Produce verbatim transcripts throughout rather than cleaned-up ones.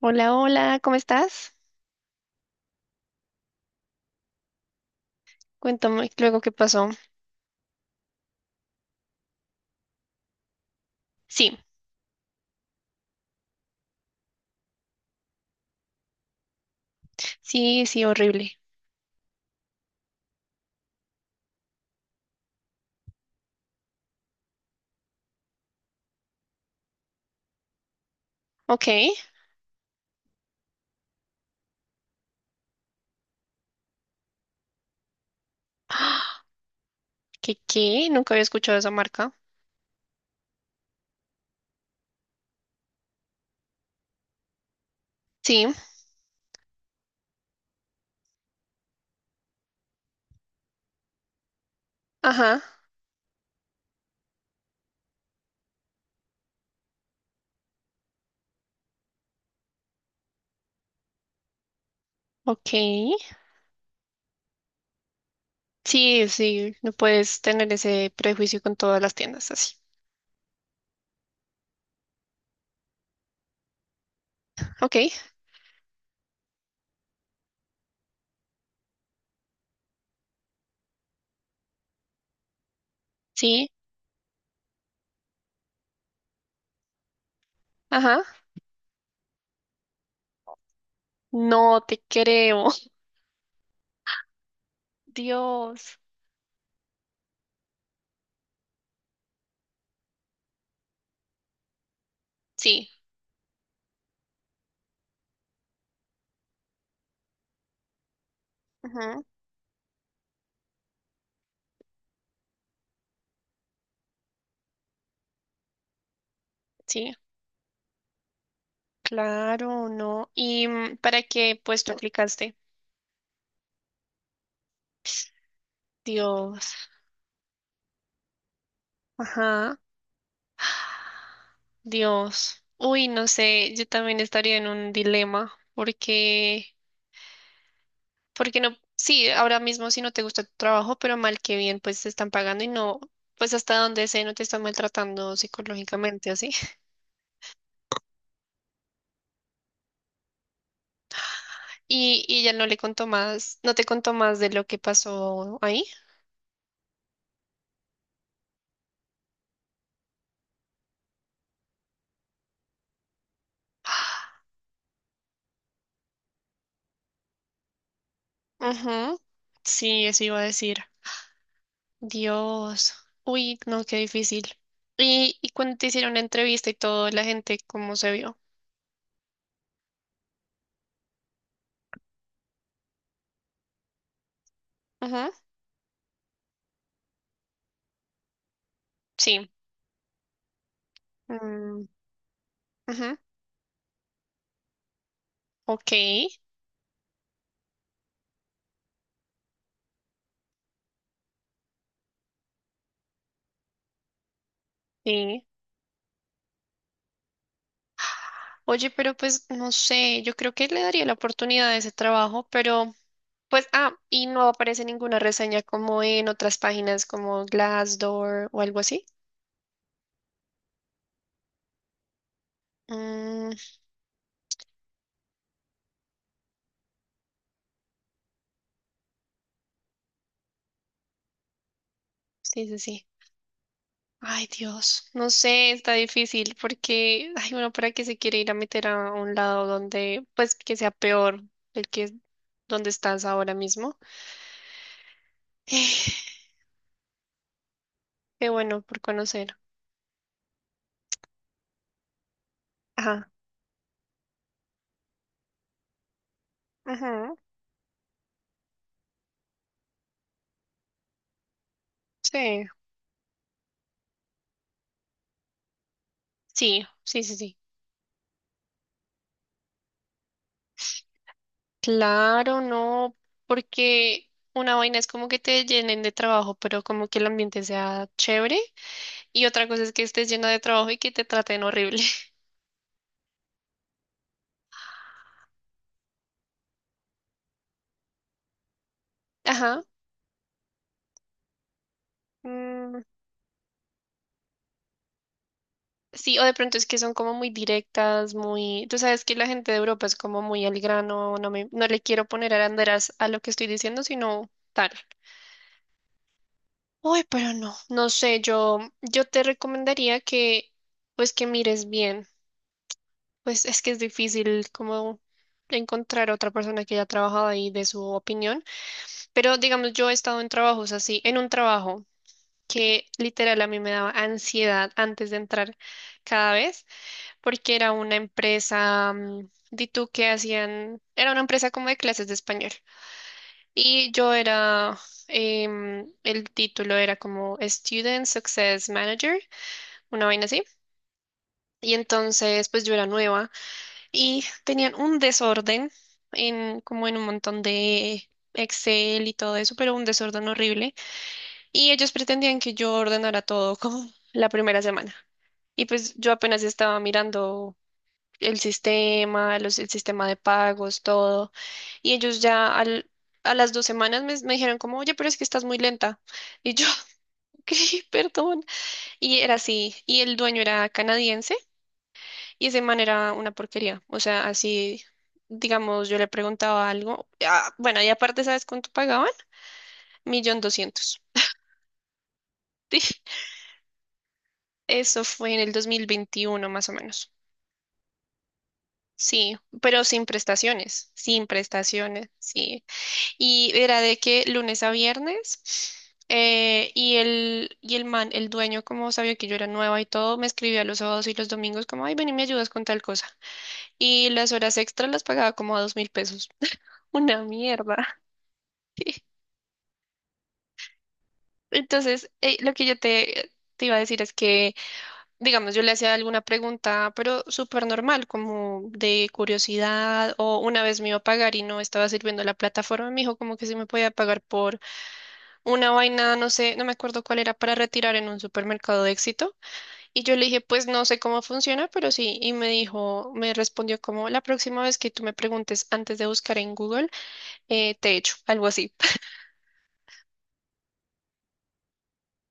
Hola, hola, ¿cómo estás? Cuéntame luego qué pasó. Sí, sí, sí, horrible. Ok. Ah, ¿Qué, qué? Nunca había escuchado esa marca. Sí, ajá, ok. Sí, sí, no puedes tener ese prejuicio con todas las tiendas así. Ok, sí, ajá. No te creo. Dios. Sí, ajá, sí, claro, no. ¿Y mm, para qué puesto aplicaste? Dios, ajá. Dios, uy, no sé, yo también estaría en un dilema porque, porque no, sí, ahora mismo si no te gusta tu trabajo, pero mal que bien, pues te están pagando y no, pues hasta donde sé, no te están maltratando psicológicamente así. Y, y ya no le contó más, no te contó más de lo que pasó ahí. Ujú, sí, eso iba a decir. Dios, uy, no, qué difícil. Y, y cuando te hicieron la entrevista y todo, la gente, ¿cómo se vio? Ujú, sí. Mm, ujú. Ok, sí. Oye, pero pues no sé, yo creo que le daría la oportunidad a ese trabajo, pero pues, ah, y no aparece ninguna reseña como en otras páginas como Glassdoor o algo así. Mm, sí, sí, sí. Ay, Dios, no sé, está difícil porque, ay, bueno, ¿para qué se quiere ir a meter a un lado donde, pues, que sea peor el que donde estás ahora mismo? Qué bueno por conocer. Ajá. Ujú, sí, sí, sí, sí, sí. Claro, no, porque una vaina es como que te llenen de trabajo, pero como que el ambiente sea chévere, y otra cosa es que estés llena de trabajo y que te traten horrible. Ajá. Mm, sí, o de pronto es que son como muy directas, muy... Tú sabes que la gente de Europa es como muy al grano, no me, no le quiero poner aranderas a lo que estoy diciendo, sino tal. Uy, pero no, no sé, yo, yo te recomendaría que, pues que mires bien. Pues es que es difícil como encontrar a otra persona que haya trabajado ahí de su opinión, pero digamos, yo he estado en trabajos así, en un trabajo que literal a mí me daba ansiedad antes de entrar cada vez, porque era una empresa, mm, di tú que hacían, era una empresa como de clases de español, y yo era, em, el título era como Student Success Manager, una vaina así, y entonces pues yo era nueva. Y tenían un desorden en como en un montón de Excel y todo eso, pero un desorden horrible. Y ellos pretendían que yo ordenara todo como la primera semana. Y pues yo apenas estaba mirando el sistema, los, el sistema de pagos, todo. Y ellos ya al, a las dos semanas me, me dijeron como, oye, pero es que estás muy lenta. Y yo, ok, perdón. Y era así. Y el dueño era canadiense. Y ese man era una porquería. O sea, así, digamos, yo le preguntaba algo. Ah, bueno, y aparte, ¿sabes cuánto pagaban? Millón doscientos. Eso fue en el dos mil veintiuno más o menos. Sí, pero sin prestaciones, sin prestaciones, sí. Y era de que lunes a viernes, eh, y el, y el man, el dueño, como sabía que yo era nueva y todo, me escribía los sábados y los domingos como, ay, ven y me ayudas con tal cosa. Y las horas extras las pagaba como a dos mil pesos. Una mierda. Entonces, eh, lo que yo te, te iba a decir es que, digamos, yo le hacía alguna pregunta, pero súper normal, como de curiosidad, o una vez me iba a pagar y no estaba sirviendo la plataforma, me dijo como que sí me podía pagar por una vaina, no sé, no me acuerdo cuál era, para retirar en un supermercado de Éxito. Y yo le dije, pues no sé cómo funciona, pero sí, y me dijo, me respondió como, la próxima vez que tú me preguntes antes de buscar en Google, eh, te echo, algo así.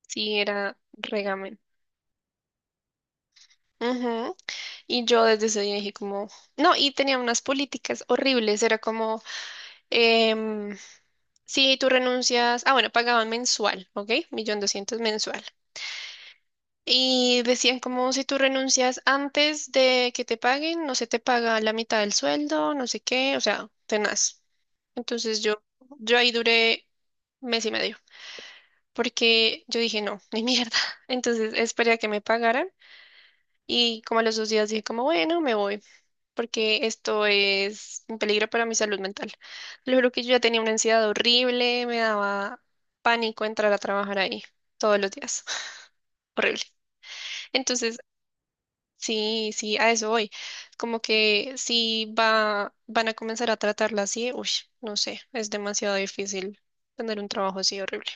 Sí, era regamen. Ujú. Y yo desde ese día dije como, no, y tenía unas políticas horribles, era como, em, si tú renuncias, ah, bueno, pagaban mensual, ¿ok? Millón doscientos mensual. Y decían como, si tú renuncias antes de que te paguen, no se te paga la mitad del sueldo, no sé qué, o sea, tenaz. Entonces yo, yo ahí duré mes y medio, porque yo dije, no, ni mierda. Entonces esperé a que me pagaran. Y como a los dos días dije como, bueno, me voy, porque esto es un peligro para mi salud mental. Lo juro que yo ya tenía una ansiedad horrible, me daba pánico entrar a trabajar ahí todos los días. Horrible. Entonces, sí, sí, a eso voy. Como que si va, van a comenzar a tratarla así, uy, no sé, es demasiado difícil tener un trabajo así horrible.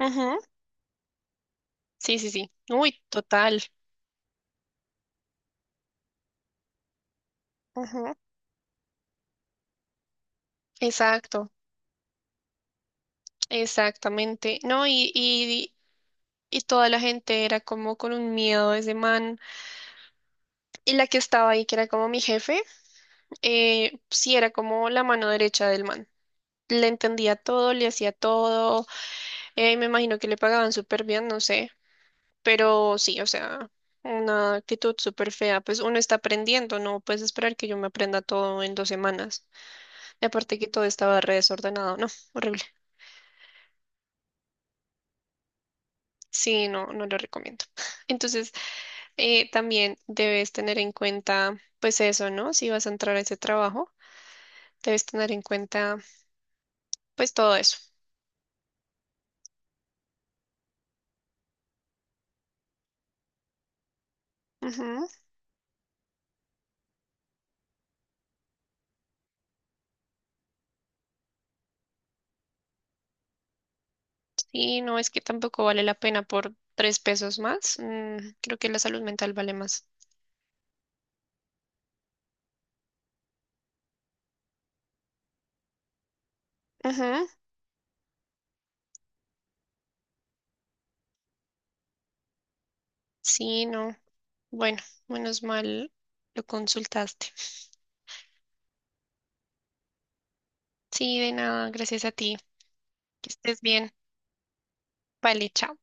Ujú, sí, sí, sí. Uy, total. Ujú, exacto, exactamente. No, y, y toda la gente era como con un miedo de ese man. Y la que estaba ahí, que era como mi jefe, eh, sí era como la mano derecha del man. Le entendía todo, le hacía todo, eh, me imagino que le pagaban súper bien, no sé, pero sí, o sea, una actitud súper fea, pues uno está aprendiendo, no puedes esperar que yo me aprenda todo en dos semanas. Y aparte que todo estaba re desordenado, no, horrible. Sí, no, no lo recomiendo. Entonces, eh, también debes tener en cuenta, pues eso, ¿no? Si vas a entrar a ese trabajo, debes tener en cuenta, pues todo eso. Ujú. Y no es que tampoco vale la pena por tres pesos más. Mm, creo que la salud mental vale más. Ujú. Sí, no. Bueno, menos mal lo consultaste. Sí, de nada, gracias a ti. Que estés bien. Vale, chao.